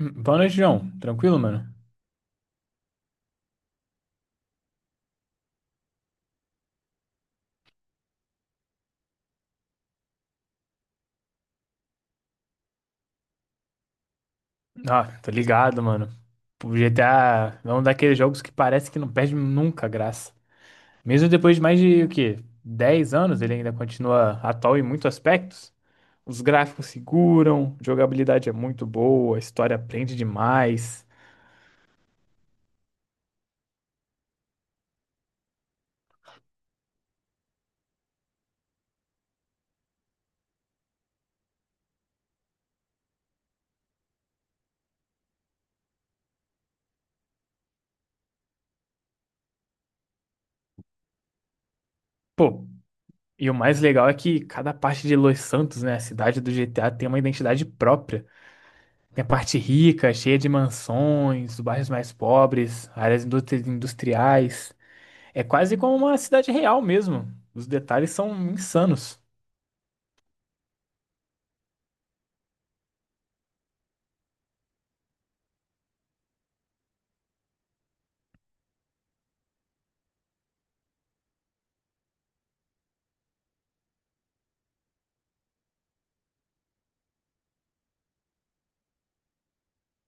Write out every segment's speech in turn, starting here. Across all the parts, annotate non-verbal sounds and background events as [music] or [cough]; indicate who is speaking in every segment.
Speaker 1: Boa noite, João. Tranquilo, mano? Ah, tô ligado, mano. O GTA é um daqueles jogos que parece que não perde nunca a graça. Mesmo depois de mais de, o quê? Dez anos, ele ainda continua atual em muitos aspectos. Os gráficos seguram, a jogabilidade é muito boa, a história prende demais. Pô, e o mais legal é que cada parte de Los Santos, né, a cidade do GTA, tem uma identidade própria. Tem a parte rica, cheia de mansões, bairros mais pobres, áreas industriais. É quase como uma cidade real mesmo. Os detalhes são insanos.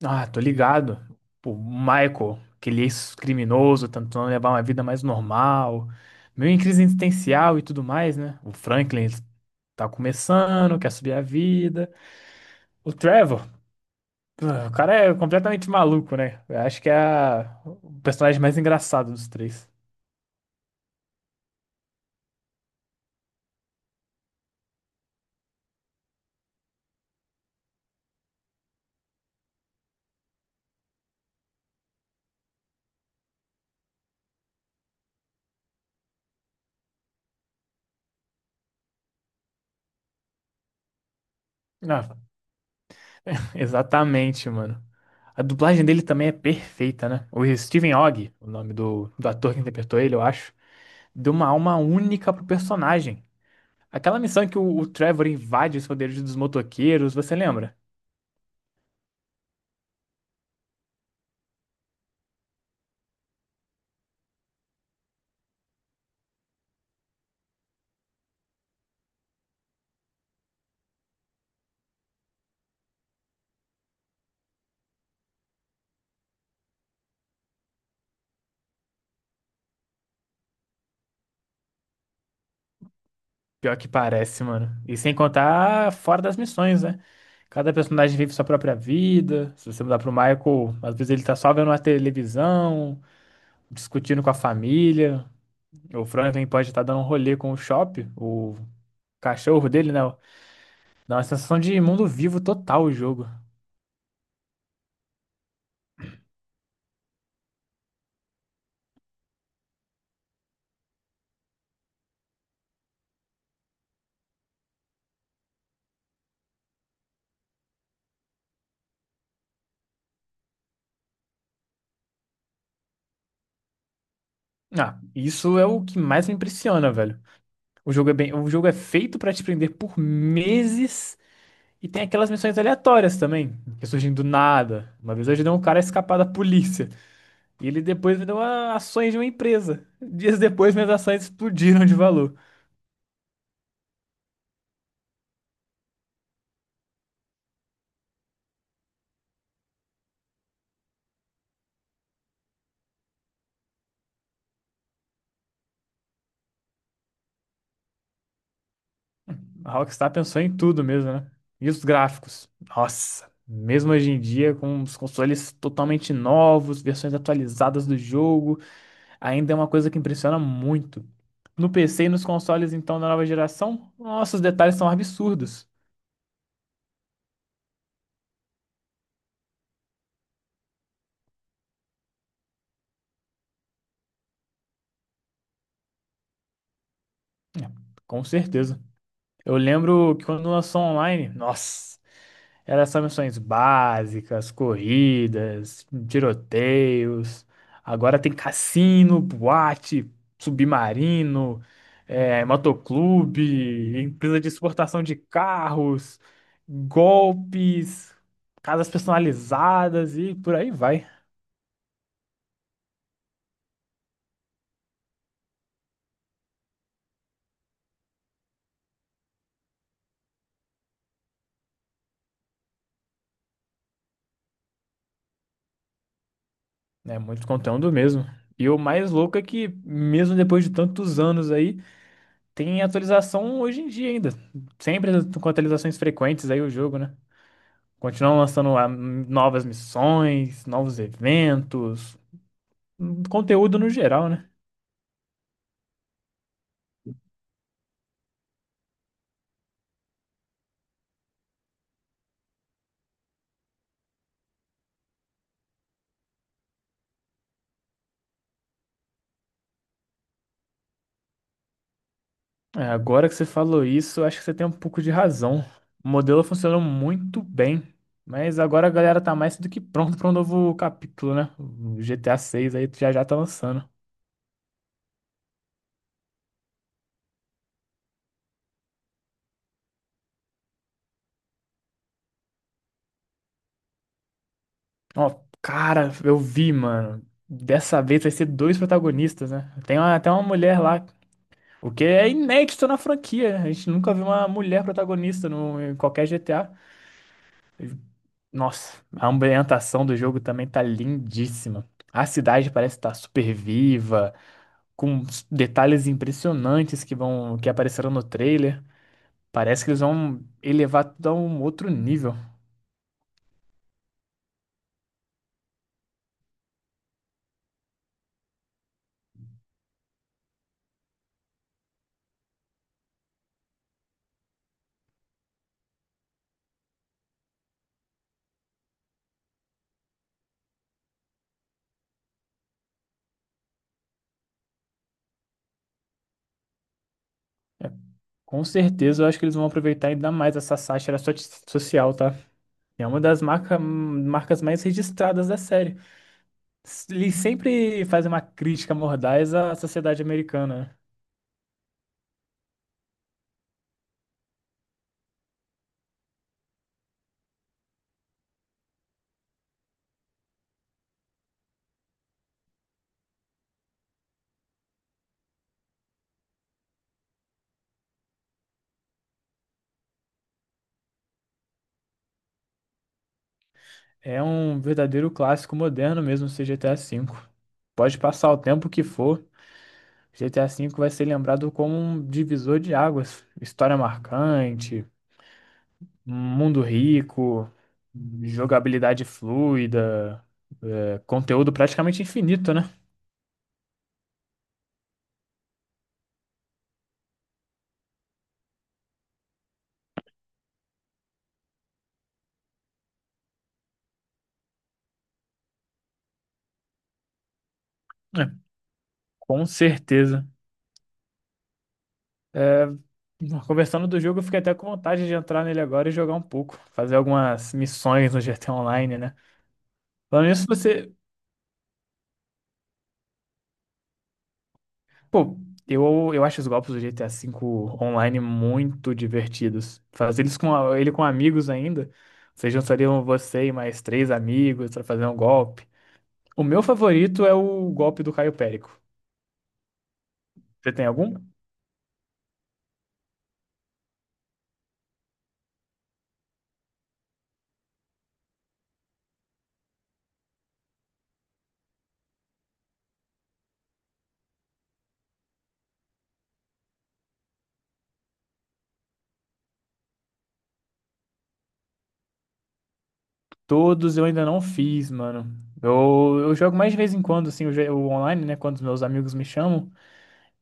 Speaker 1: Ah, tô ligado. O Michael, aquele ex-criminoso, tentando levar uma vida mais normal, meio em crise existencial e tudo mais, né? O Franklin ele tá começando, quer subir a vida. O Trevor, ah, o cara é completamente maluco, né? Eu acho que é o personagem mais engraçado dos três. Ah, exatamente, mano. A dublagem dele também é perfeita, né? O Steven Ogg, o nome do ator que interpretou ele, eu acho, deu uma alma única pro personagem. Aquela missão em que o Trevor invade os poderes dos motoqueiros, você lembra? Pior que parece, mano. E sem contar fora das missões, né? Cada personagem vive sua própria vida. Se você mudar pro Michael, às vezes ele tá só vendo a televisão, discutindo com a família. O Franklin pode estar dando um rolê com o Chop, o cachorro dele, né? Dá uma sensação de mundo vivo total o jogo. Ah, isso é o que mais me impressiona, velho. O jogo é feito pra te prender por meses e tem aquelas missões aleatórias também, que surgem do nada. Uma vez eu ajudei um cara a escapar da polícia e ele depois me deu ações de uma empresa. Dias depois minhas ações explodiram de valor. A Rockstar pensou em tudo mesmo, né? E os gráficos? Nossa, mesmo hoje em dia com os consoles totalmente novos, versões atualizadas do jogo, ainda é uma coisa que impressiona muito. No PC e nos consoles, então, da nova geração, nossa, os detalhes são absurdos. É, com certeza. Eu lembro que quando lançou online, nossa, eram só missões básicas, corridas, tiroteios. Agora tem cassino, boate, submarino, é, motoclube, empresa de exportação de carros, golpes, casas personalizadas e por aí vai. É muito conteúdo mesmo. E o mais louco é que, mesmo depois de tantos anos aí, tem atualização hoje em dia ainda. Sempre com atualizações frequentes aí o jogo, né? Continuam lançando novas missões, novos eventos, conteúdo no geral, né? É, agora que você falou isso, acho que você tem um pouco de razão. O modelo funcionou muito bem, mas agora a galera tá mais do que pronta para um novo capítulo, né? O GTA 6 aí já já tá lançando. Ó, cara, eu vi, mano. Dessa vez vai ser dois protagonistas, né? Tem até uma mulher lá, o que é inédito na franquia, né? A gente nunca viu uma mulher protagonista no, em qualquer GTA. Nossa, a ambientação do jogo também tá lindíssima. A cidade parece estar super viva, com detalhes impressionantes que que apareceram no trailer. Parece que eles vão elevar tudo a um outro nível. Com certeza, eu acho que eles vão aproveitar ainda mais essa sátira social, tá? É uma das marcas mais registradas da série. Ele sempre faz uma crítica mordaz à sociedade americana. É um verdadeiro clássico moderno mesmo, esse GTA V. Pode passar o tempo que for, GTA V vai ser lembrado como um divisor de águas. História marcante, mundo rico, jogabilidade fluida, é, conteúdo praticamente infinito, né? É, com certeza. É, conversando do jogo, eu fiquei até com vontade de entrar nele agora e jogar um pouco, fazer algumas missões no GTA Online, né? Falando nisso, você. Pô, eu acho os golpes do GTA V online muito divertidos. Fazer eles com, ele com amigos ainda. Vocês juntariam você e mais três amigos pra fazer um golpe. O meu favorito é o golpe do Caio Périco. Você tem algum? Todos eu ainda não fiz, mano. Eu jogo mais de vez em quando, assim, o online, né? Quando os meus amigos me chamam.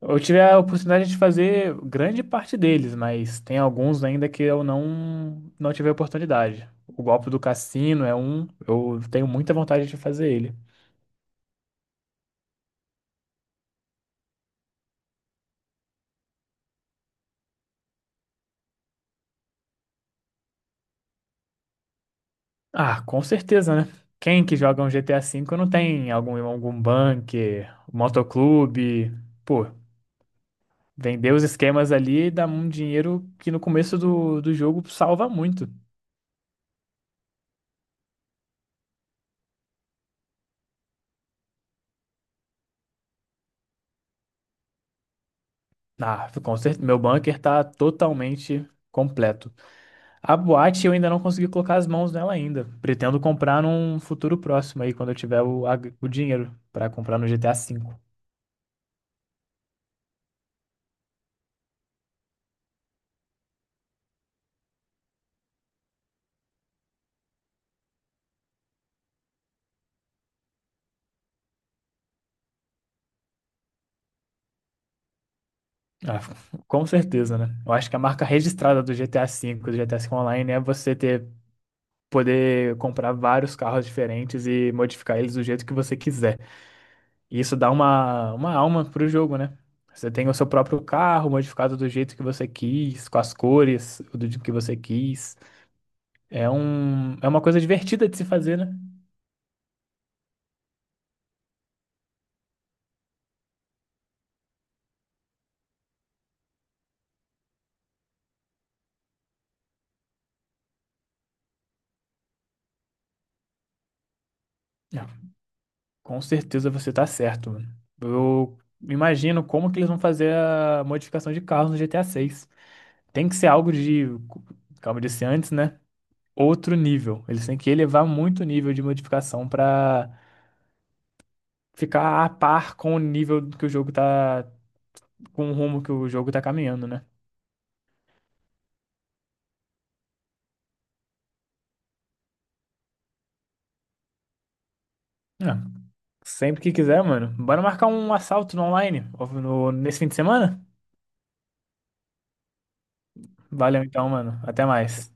Speaker 1: Eu tive a oportunidade de fazer grande parte deles, mas tem alguns ainda que eu não tive a oportunidade. O golpe do cassino é um, eu tenho muita vontade de fazer ele. Ah, com certeza, né? Quem que joga um GTA V não tem algum, bunker, um motoclube? Pô, vender os esquemas ali dá um dinheiro que no começo do jogo salva muito. Ah, com certeza, meu bunker tá totalmente completo. A boate eu ainda não consegui colocar as mãos nela ainda. Pretendo comprar num futuro próximo aí, quando eu tiver o dinheiro pra comprar no GTA V. Ah, [laughs] com certeza, né? Eu acho que a marca registrada do GTA V, do GTA V Online, é você ter poder comprar vários carros diferentes e modificar eles do jeito que você quiser. E isso dá uma alma pro jogo, né? Você tem o seu próprio carro modificado do jeito que você quis, com as cores do jeito que você quis. É uma coisa divertida de se fazer, né? Com certeza você tá certo, mano. Eu imagino como que eles vão fazer a modificação de carros no GTA 6. Tem que ser algo de, como eu disse antes, né? Outro nível. Eles têm que elevar muito o nível de modificação pra ficar a par com o nível que o jogo tá, com o rumo que o jogo tá caminhando, né? É. Sempre que quiser, mano. Bora marcar um assalto no online ó, nesse fim de semana? Valeu então, mano. Até mais.